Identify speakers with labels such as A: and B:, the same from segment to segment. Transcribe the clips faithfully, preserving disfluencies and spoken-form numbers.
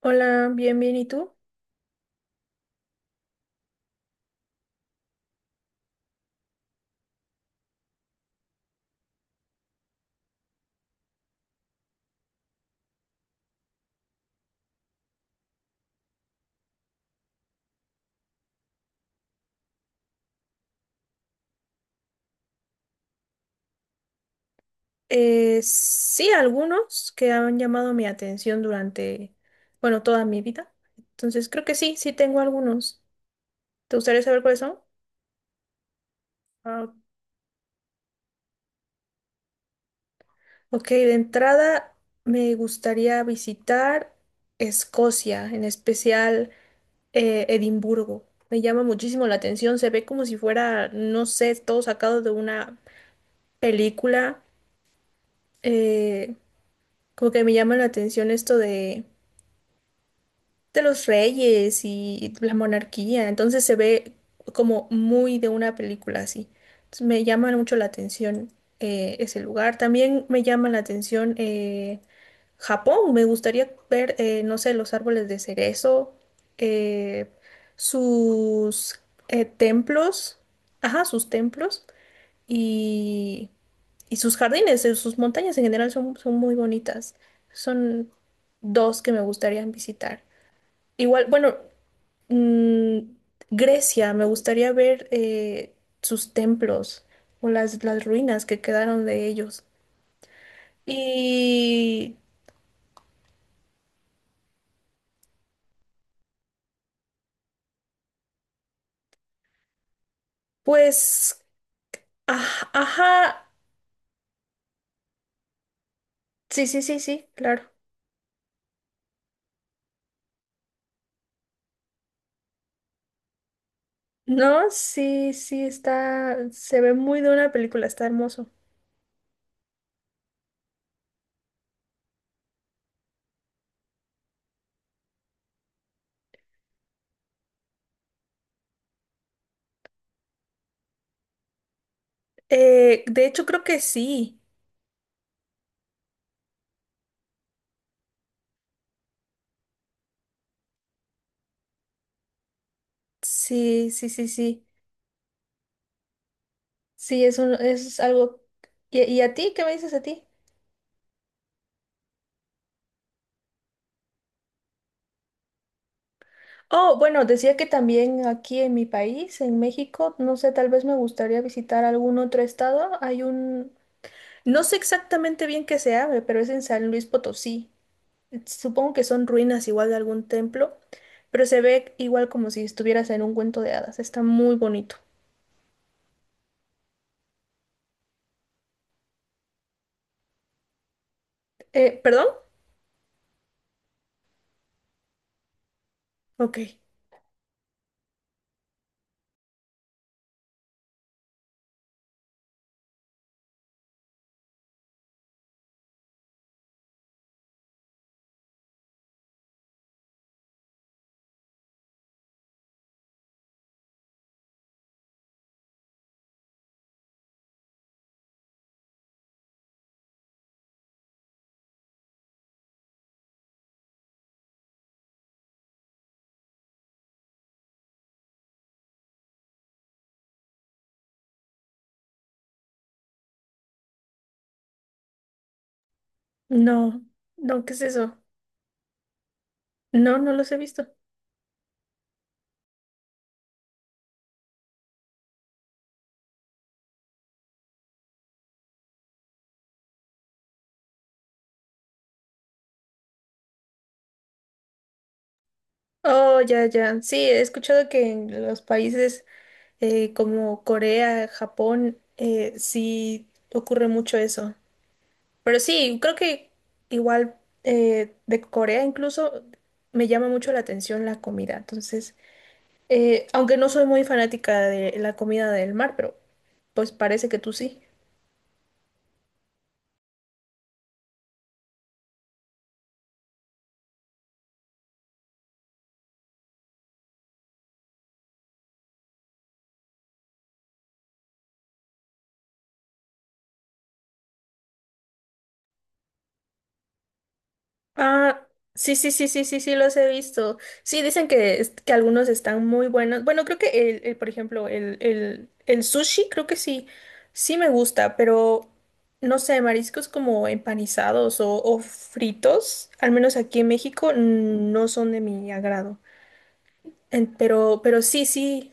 A: Hola, bien, bien, ¿y tú? Eh, sí, algunos que han llamado mi atención durante, bueno, toda mi vida. Entonces, creo que sí, sí tengo algunos. ¿Te gustaría saber cuáles son? Ah, ok, de entrada me gustaría visitar Escocia, en especial eh, Edimburgo. Me llama muchísimo la atención, se ve como si fuera, no sé, todo sacado de una película. Eh, Como que me llama la atención esto de de los reyes y la monarquía, entonces se ve como muy de una película así. Entonces me llama mucho la atención eh, ese lugar. También me llama la atención eh, Japón. Me gustaría ver, eh, no sé, los árboles de cerezo, eh, sus eh, templos, ajá, sus templos y, y sus jardines, eh, sus montañas en general son, son muy bonitas. Son dos que me gustaría visitar. Igual, bueno, mm, Grecia, me gustaría ver eh, sus templos o las, las ruinas que quedaron de ellos. Y pues, aj- ajá, sí, sí, sí, sí, claro. No, sí, sí, está, se ve muy de una película, está hermoso. Eh, de hecho, creo que sí, sí, sí, sí, sí, sí, es, un- es algo. ¿Y, y a ti? ¿Qué me dices a ti? Oh, bueno, decía que también aquí en mi país, en México, no sé, tal vez me gustaría visitar algún otro estado. Hay un, no sé exactamente bien qué se abre, pero es en San Luis Potosí. Supongo que son ruinas igual de algún templo, pero se ve igual como si estuvieras en un cuento de hadas. Está muy bonito. Eh, ¿perdón? Ok. No, no, ¿qué es eso? No, no los he visto. Oh, ya, ya. Sí, he escuchado que en los países eh, como Corea, Japón, eh, sí ocurre mucho eso. Pero sí, creo que igual eh, de Corea incluso me llama mucho la atención la comida. Entonces, eh, aunque no soy muy fanática de la comida del mar, pero pues parece que tú sí. Ah, sí, sí, sí, sí, sí, sí, los he visto. Sí, dicen que, es- que algunos están muy buenos. Bueno, creo que el, el, por ejemplo, el, el, el sushi, creo que sí, sí me gusta, pero no sé, mariscos como empanizados o, o fritos, al menos aquí en México, mm, no son de mi agrado. En- pero, pero sí, sí,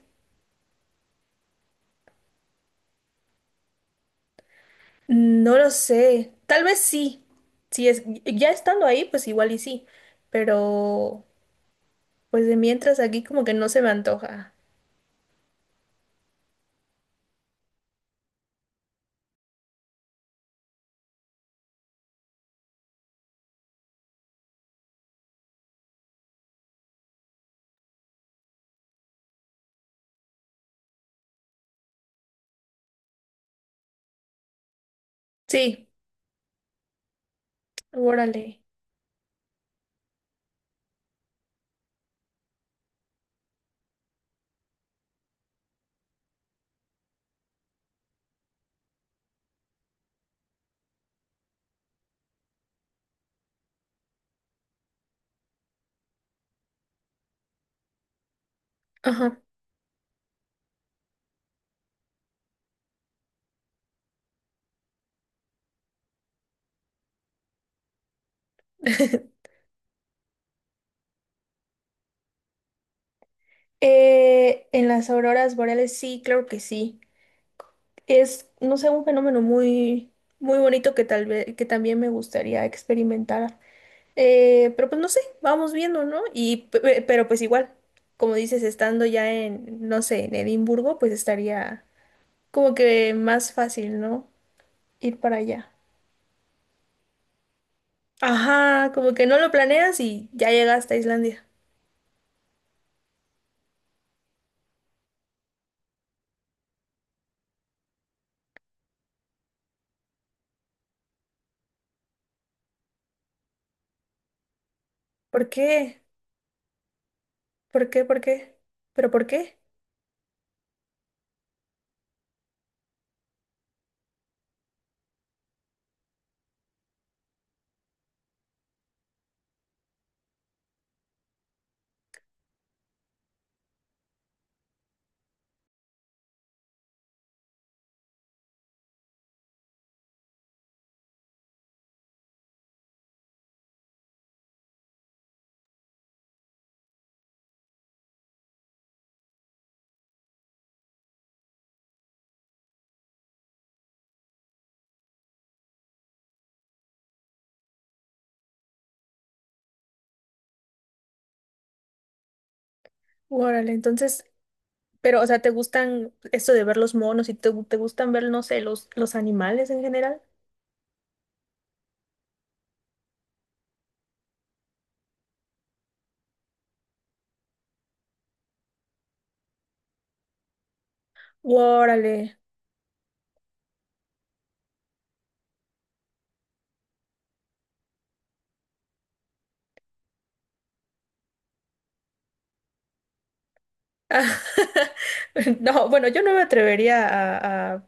A: no lo sé. Tal vez sí. Si es, ya estando ahí, pues igual y sí. Pero, pues de mientras aquí como que no se me antoja. Sí. Órale. Ajá. Eh, en las auroras boreales sí, claro que sí. Es, no sé, un fenómeno muy, muy bonito que tal vez, que también me gustaría experimentar. Eh, pero pues no sé, vamos viendo, ¿no? Y, pe- pe- pero pues igual, como dices, estando ya en, no sé, en Edimburgo, pues estaría como que más fácil, ¿no? Ir para allá. Ajá, como que no lo planeas y ya llegaste a Islandia. ¿Por qué? ¿Por qué? ¿Por qué? ¿Pero por qué? Órale, entonces, pero, o sea, ¿te gustan esto de ver los monos y te, te gustan ver, no sé, los, los animales en general? Órale. Ah, no, bueno, yo no me atrevería a, a-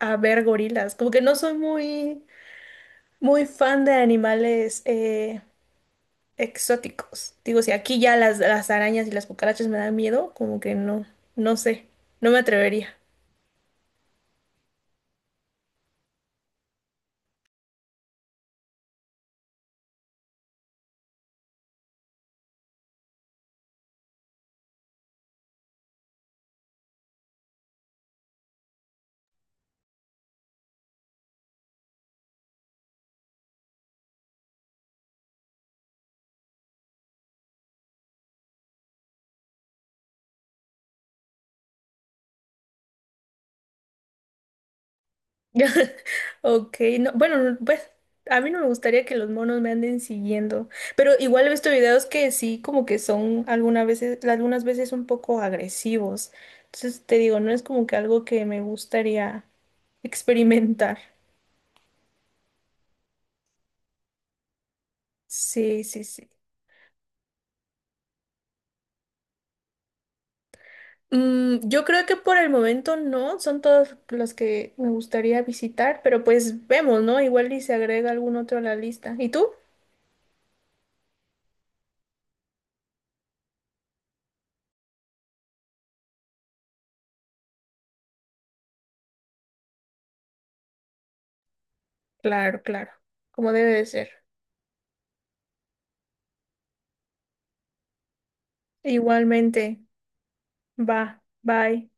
A: a ver gorilas, como que no soy muy, muy fan de animales eh, exóticos. Digo, si aquí ya las, las arañas y las cucarachas me dan miedo, como que no, no sé, no me atrevería. Ok, no, bueno, no, pues a mí no me gustaría que los monos me anden siguiendo, pero igual he visto videos que sí, como que son algunas veces, algunas veces un poco agresivos. Entonces te digo, no es como que algo que me gustaría experimentar. Sí, sí, sí. Mm, yo creo que por el momento no, son todos los que me gustaría visitar, pero pues vemos, ¿no? Igual y se agrega algún otro a la lista. ¿Y tú? Claro, claro, como debe de ser. Igualmente. Va, bye.